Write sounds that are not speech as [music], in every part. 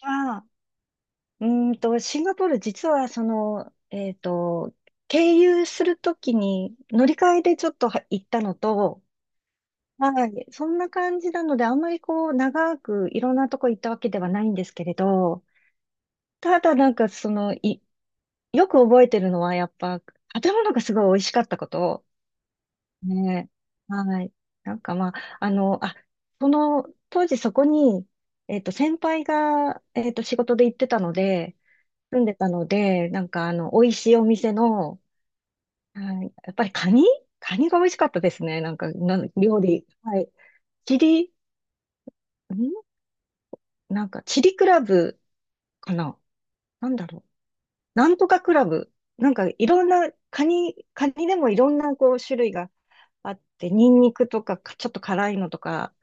ああ、うシンガポール、実は、経由するときに乗り換えでちょっとは行ったのと、はい、そんな感じなので、あんまりこう、長くいろんなとこ行ったわけではないんですけれど、ただなんか、よく覚えてるのは、やっぱ、建物がすごい美味しかったこと。ね。はい。なんかまあ、あの、あ、その、当時そこに、先輩が、仕事で行ってたので、住んでたので、なんか美味しいお店の、はい、やっぱりカニが美味しかったですね。なんか、料理。はい。チリ、んなんか、チリクラブかな。なんだろう。なんとかクラブ。なんか、いろんな、カニでもいろんなこう種類があって、ニンニクとか、ちょっと辛いのとか、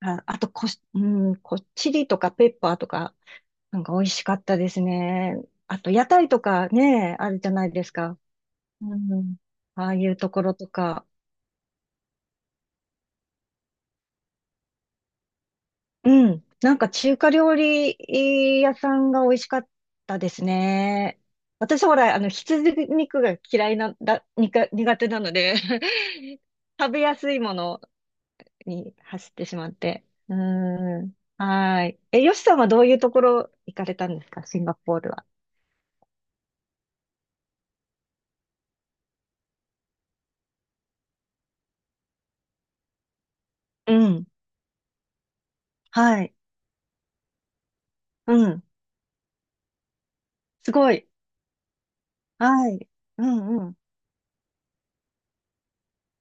あとこし、うん、こ、チリとかペッパーとか、なんか美味しかったですね。あと、屋台とかね、あるじゃないですか。うん。ああいうところとか。うん。なんか中華料理屋さんが美味しかったですね。私ほら、羊肉が嫌いな、だ、にか、苦手なので [laughs] 食べやすいものに走ってしまって。うん。はい。よしさんはどういうところ行かれたんですか、シンガポールは。うん。はい。うん。すごい。はい。うんうん。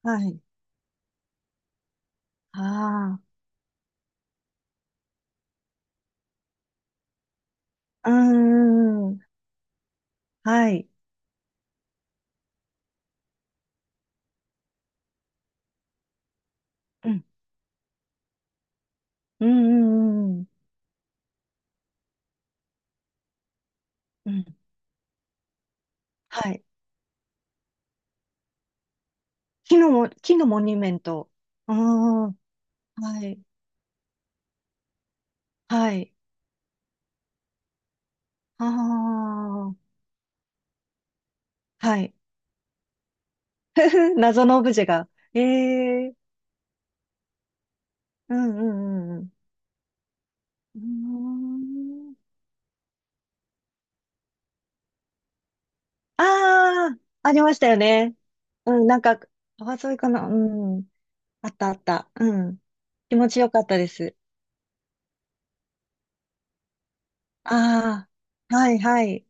はい。ああ。うんうんうん。はい。うんうんうんうんうん。うん。はい。木のモニュメント。うん。はい。はい。ああ。はい。[laughs] 謎のオブジェが。ええうんうんうんうん。うーん。ああ、ありましたよね。うん、なんか、川沿いかな。うん。あったあった。うん。気持ちよかったです。ああ、はいはい。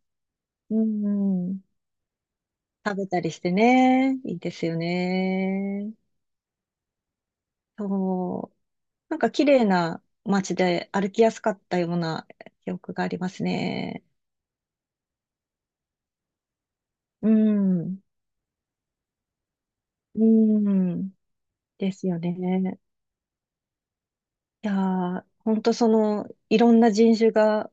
うんうん。食べたりしてね。いいですよね。そう。なんか綺麗な街で歩きやすかったような記憶がありますね。うん。うん。ですよね。いやー、ほんとその、いろんな人種が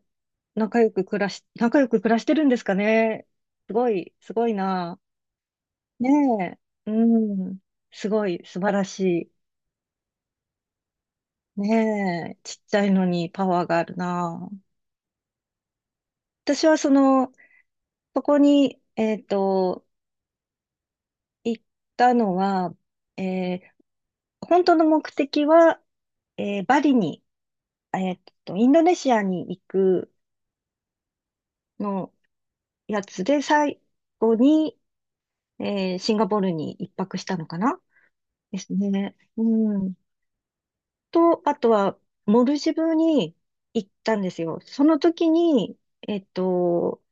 仲良く暮らしてるんですかね。すごい、すごいな。ねえ。うん。すごい、素晴らしい。ねえ。ちっちゃいのにパワーがあるな。私はそこに、行ったのは、えー本当の目的は、バリに、インドネシアに行くのやつで、最後に、シンガポールに一泊したのかなですね。うん。と、あとは、モルジブに行ったんですよ。その時に、えっと、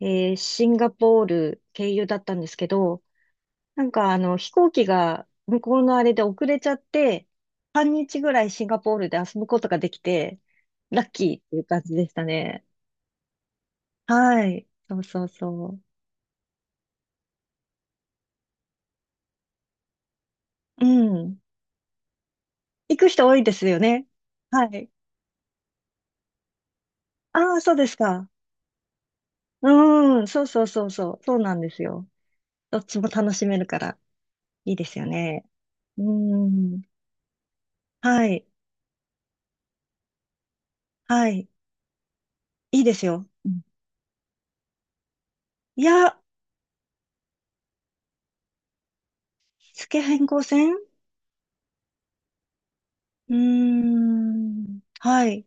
シンガポール経由だったんですけど、なんかあの飛行機が向こうのあれで遅れちゃって、半日ぐらいシンガポールで遊ぶことができて、ラッキーっていう感じでしたね。はい。そうそうそう。うん。行く人多いですよね。はい。ああ、そうですか。うん。そうそうそうそう。そうなんですよ。どっちも楽しめるからいいですよね。うん。はい。はい。いいですよ。うんいや、付け変更線うーん。はい。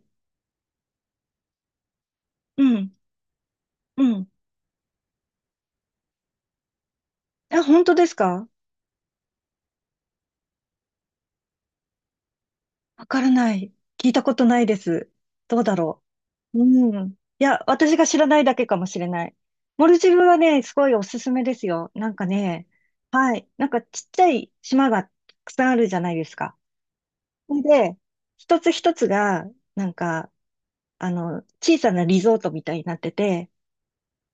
うん。うん。あ、本当ですかわからない。聞いたことないです。どうだろう。うん。いや、私が知らないだけかもしれない。モルジブはね、すごいおすすめですよ。なんかね、はい。なんかちっちゃい島がたくさんあるじゃないですか。それで、一つ一つが、なんか、小さなリゾートみたいになってて、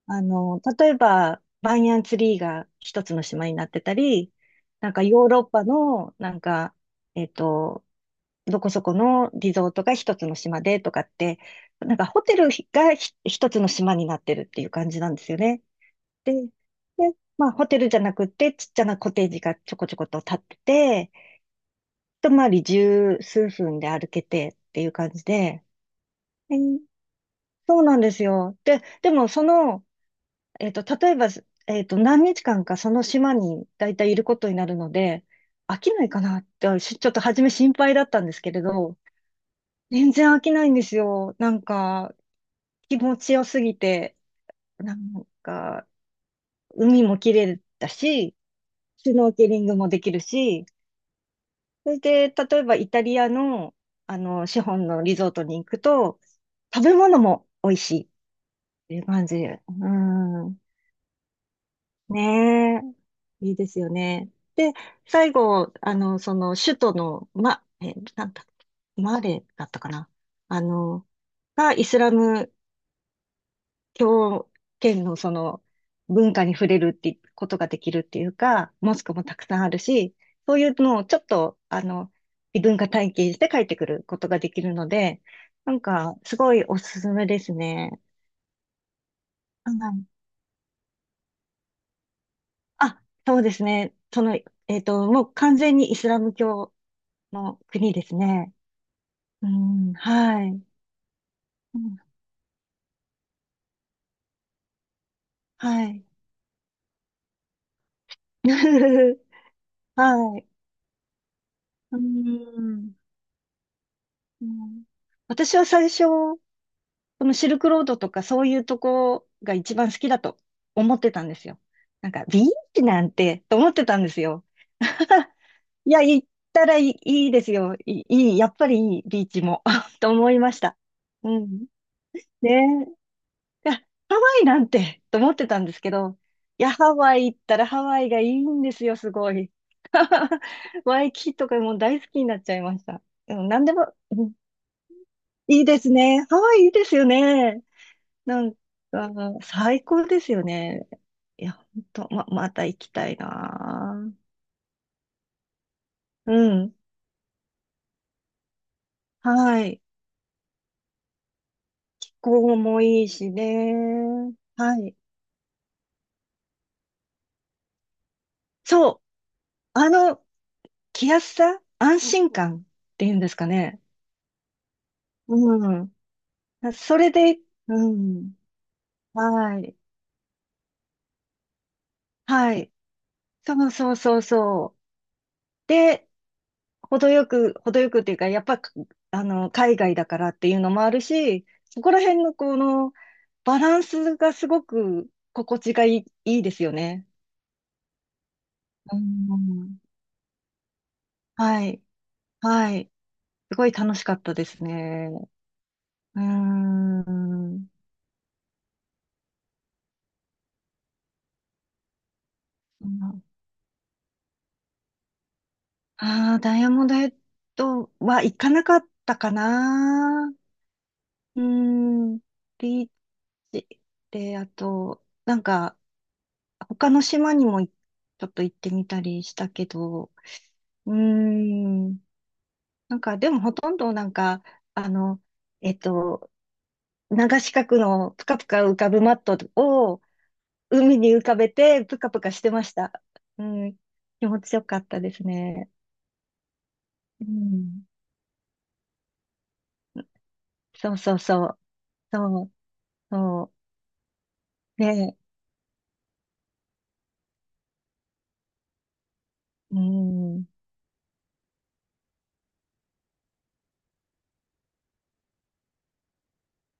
例えば、バニヤンツリーが一つの島になってたり、なんかヨーロッパの、なんか、えっと、どこそこのリゾートが一つの島でとかって、なんかホテルが一つの島になってるっていう感じなんですよね。で、まあホテルじゃなくてちっちゃなコテージがちょこちょこと建ってて、一回り十数分で歩けてっていう感じで、えーそうなんですよ。で、でも例えば、何日間かその島に大体いることになるので、飽きないかなって、ちょっと初め心配だったんですけれど、全然飽きないんですよ。なんか、気持ちよすぎて、なんか、海も綺麗だし、シュノーケリングもできるし、それで、例えばイタリアの、資本のリゾートに行くと、食べ物も美味しいっていう感じ。うん。ねえ、いいですよね。で、最後、首都の、なんだ、マレだったかな。あの、がイスラム狂犬のその文化に触れるってことができるっていうか、モスクもたくさんあるし、そういうのをちょっと、異文化体験して帰ってくることができるので、なんか、すごいおすすめですね。うんあ、そうですね。もう完全にイスラム教の国ですね。うん、はい。うん、はい。[laughs] はい。うん、うん。私は最初、そのシルクロードとかそういうとこが一番好きだと思ってたんですよ。なんか、ビーチなんて、と思ってたんですよ。[laughs] いや、行ったらいい、いいですよ。いい、いいやっぱりいい、ビーチも。[laughs] と思いました。うん。ねえ。いや、ハワイなんて、と思ってたんですけど、いや、ハワイ行ったらハワイがいいんですよ、すごい。[laughs] ワイキキとかもう大好きになっちゃいました。うん、何でも、うんいいですね。ハワイいいですよね。なんか、最高ですよね。いや、本当、また行きたいな。うん。はい。気候もいいしね。はい。そう。あの、気安さ、安心感っていうんですかね。うん。それで、うん。はい。はい。そうそうそうそう。で、程よくっていうか、やっぱ、海外だからっていうのもあるし、そこら辺のこのバランスがすごく心地がいい、いいですよね。うん。はい。はい。すごい楽しかったですね。うーん。ああダイヤモンドヘッドは行かなかったかな。うーん。ビーチで、あと、なんか、他の島にもちょっと行ってみたりしたけど、うーん、なんかでもほとんどなんか、あの、えっと、流し角のぷかぷか浮かぶマットを海に浮かべてぷかぷかしてました。うん、気持ちよかったですね。うん、そうそうそう、そう、そう、ね、うん。